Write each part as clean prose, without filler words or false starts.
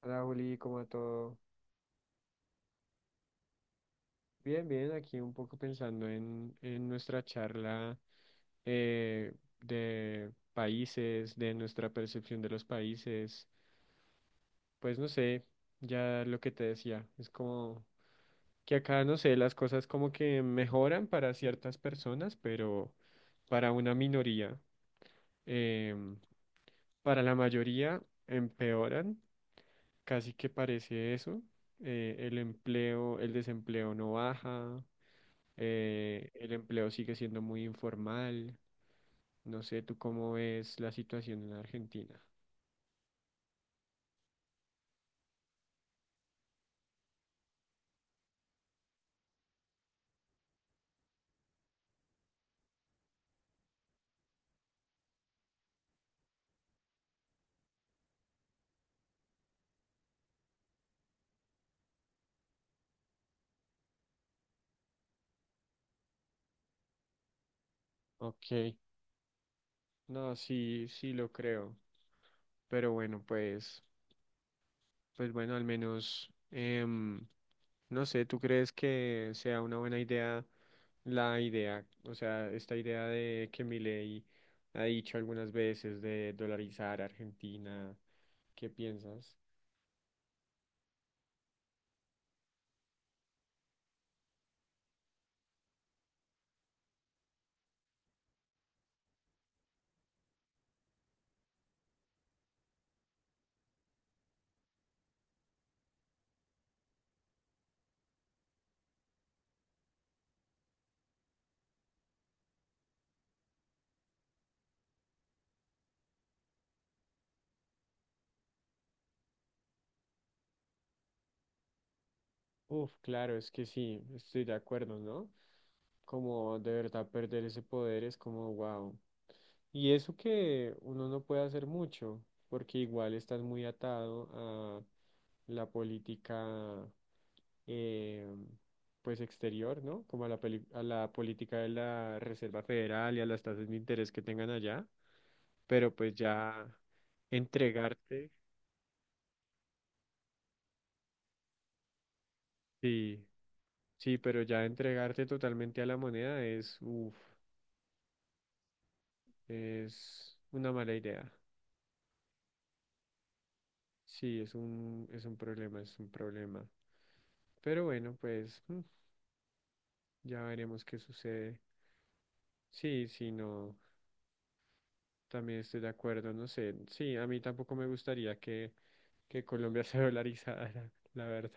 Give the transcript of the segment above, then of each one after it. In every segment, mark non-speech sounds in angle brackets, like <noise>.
Hola Juli, ¿cómo va todo? Bien, bien, aquí un poco pensando en nuestra charla eh, de países, de nuestra percepción de los países. Pues no sé, ya lo que te decía, es como que acá, no sé, las cosas como que mejoran para ciertas personas, pero para una minoría, em, para la mayoría empeoran, casi que parece eso. El empleo, el desempleo no baja. El empleo sigue siendo muy informal. No sé, ¿tú cómo ves la situación en Argentina? Ok, no, sí, sí lo creo, pero bueno, pues bueno, al menos, no sé, ¿tú crees que sea una buena idea la idea, o sea, esta idea de que Milei ha dicho algunas veces de dolarizar Argentina? ¿Qué piensas? Uf, claro, es que sí, estoy de acuerdo, ¿no? Como de verdad perder ese poder es como wow. Y eso que uno no puede hacer mucho, porque igual estás muy atado a la política, eh, pues exterior, ¿no? Como a a la política de la Reserva Federal y a las tasas de interés que tengan allá. Pero pues ya entregarte, sí, sí, pero ya entregarte totalmente a la moneda es, uff. Es una mala idea. Sí, es un problema, es un problema. Pero bueno, pues ya veremos qué sucede. Sí, sí, no, también estoy de acuerdo, no sé. Sí, a mí tampoco me gustaría que Colombia <laughs> se dolarizara, la verdad.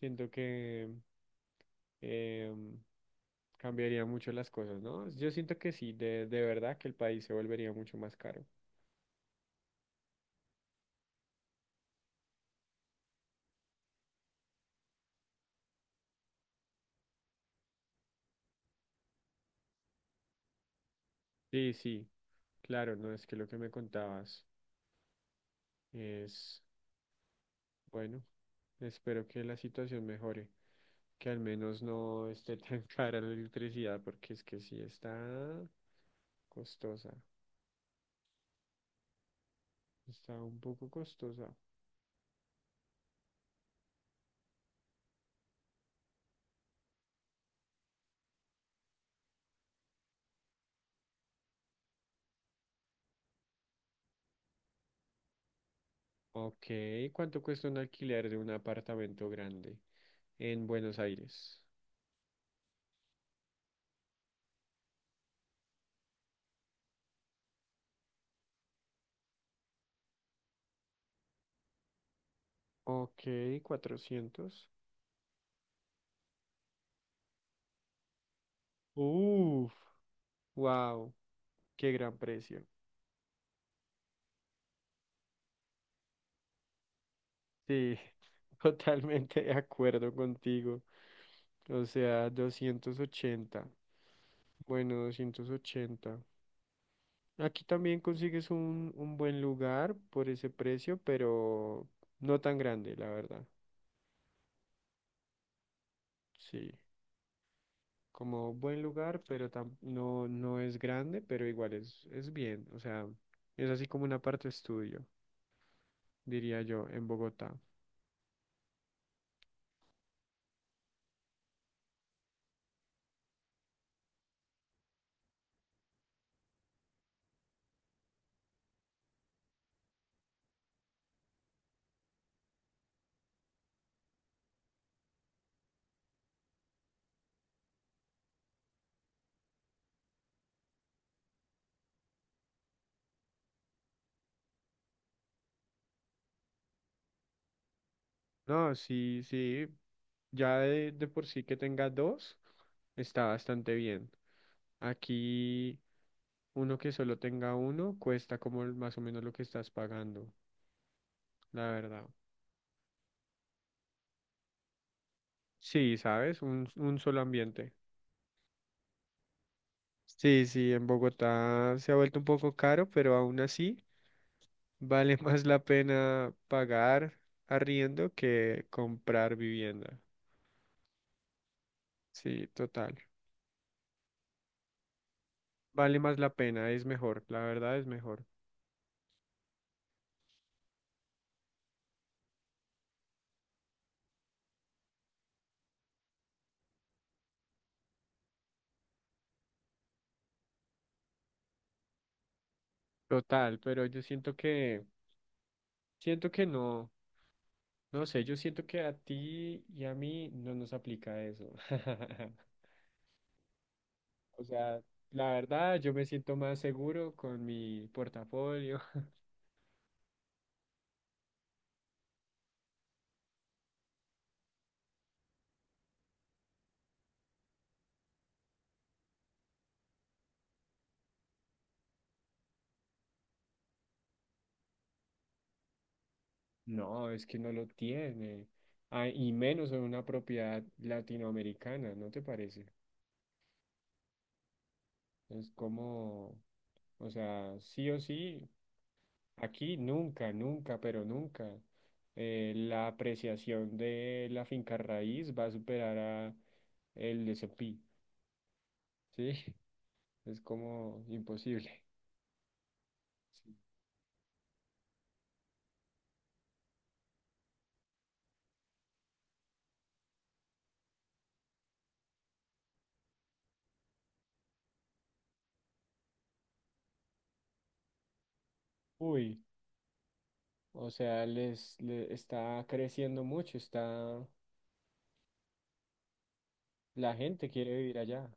Siento que em, cambiaría mucho las cosas, ¿no? Yo siento que sí, de verdad que el país se volvería mucho más caro. Sí, sí, claro, no es que lo que me contabas es... Bueno, espero que la situación mejore, que al menos no esté tan <laughs> cara la electricidad, porque es que sí está costosa, está un poco costosa. Ok, ¿cuánto cuesta un alquiler de un apartamento grande en Buenos Aires? Ok, 400. Uf, wow, qué gran precio. Sí, <laughs> totalmente de acuerdo contigo. O sea, 280. Bueno, 280. Aquí también consigues un buen lugar por ese precio, pero no tan grande, la verdad. Sí, como buen lugar, pero no, no es grande, pero igual es bien. O sea, es así como una parte estudio, diría yo, en Bogotá. No, sí, sí. Ya de por sí que tenga dos, está bastante bien. Aquí uno que solo tenga uno cuesta como más o menos lo que estás pagando, la verdad. Sí, ¿sabes? Un solo ambiente. Sí, sí, en Bogotá se ha vuelto un poco caro, pero aún así vale <laughs> más la pena pagar arriendo que comprar vivienda. Sí, total. Vale más la pena, es mejor, la verdad es mejor. Total, pero yo siento que no, no sé, yo siento que a ti y a mí no nos aplica eso. <laughs> O sea, la verdad, yo me siento más seguro con mi portafolio. <laughs> No, es que no lo tiene. Ah, y menos en una propiedad latinoamericana, ¿no te parece? Es como, o sea, sí o sí. Aquí nunca, nunca, pero nunca. La apreciación de la finca raíz va a superar a el S&P, ¿sí? <laughs> Es como imposible. Sí. Uy, o sea, está creciendo mucho, está, la gente quiere vivir allá,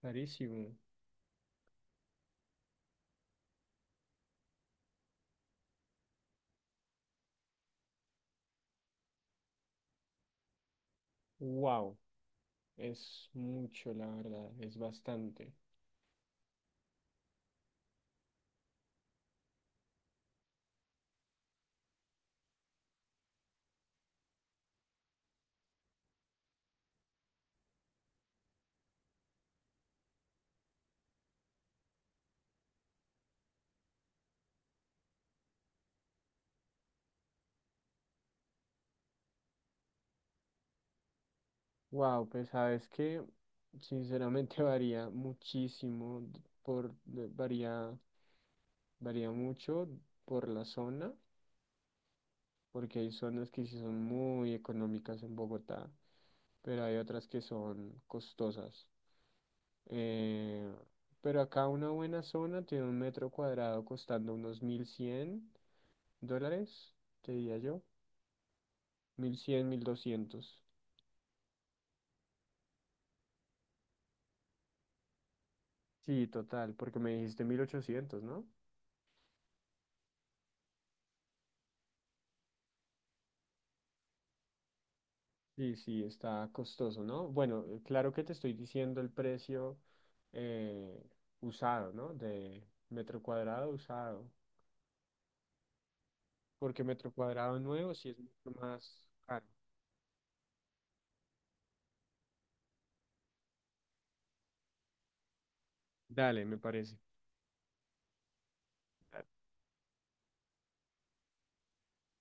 clarísimo. Wow, es mucho, la verdad, es bastante. Wow, pues sabes que sinceramente <laughs> varía muchísimo, varía mucho por la zona, porque hay zonas que sí son muy económicas en Bogotá, pero hay otras que son costosas. Eh, pero acá una buena zona tiene un metro cuadrado costando unos $1,100, te diría yo, 1,100 1,200, sí, total, porque me dijiste 1,800, ¿no? Sí, sí, está costoso, ¿no? Bueno, claro que te estoy diciendo el precio eh, usado, ¿no? De metro cuadrado usado, porque metro cuadrado nuevo sí es mucho más caro. Dale, me parece.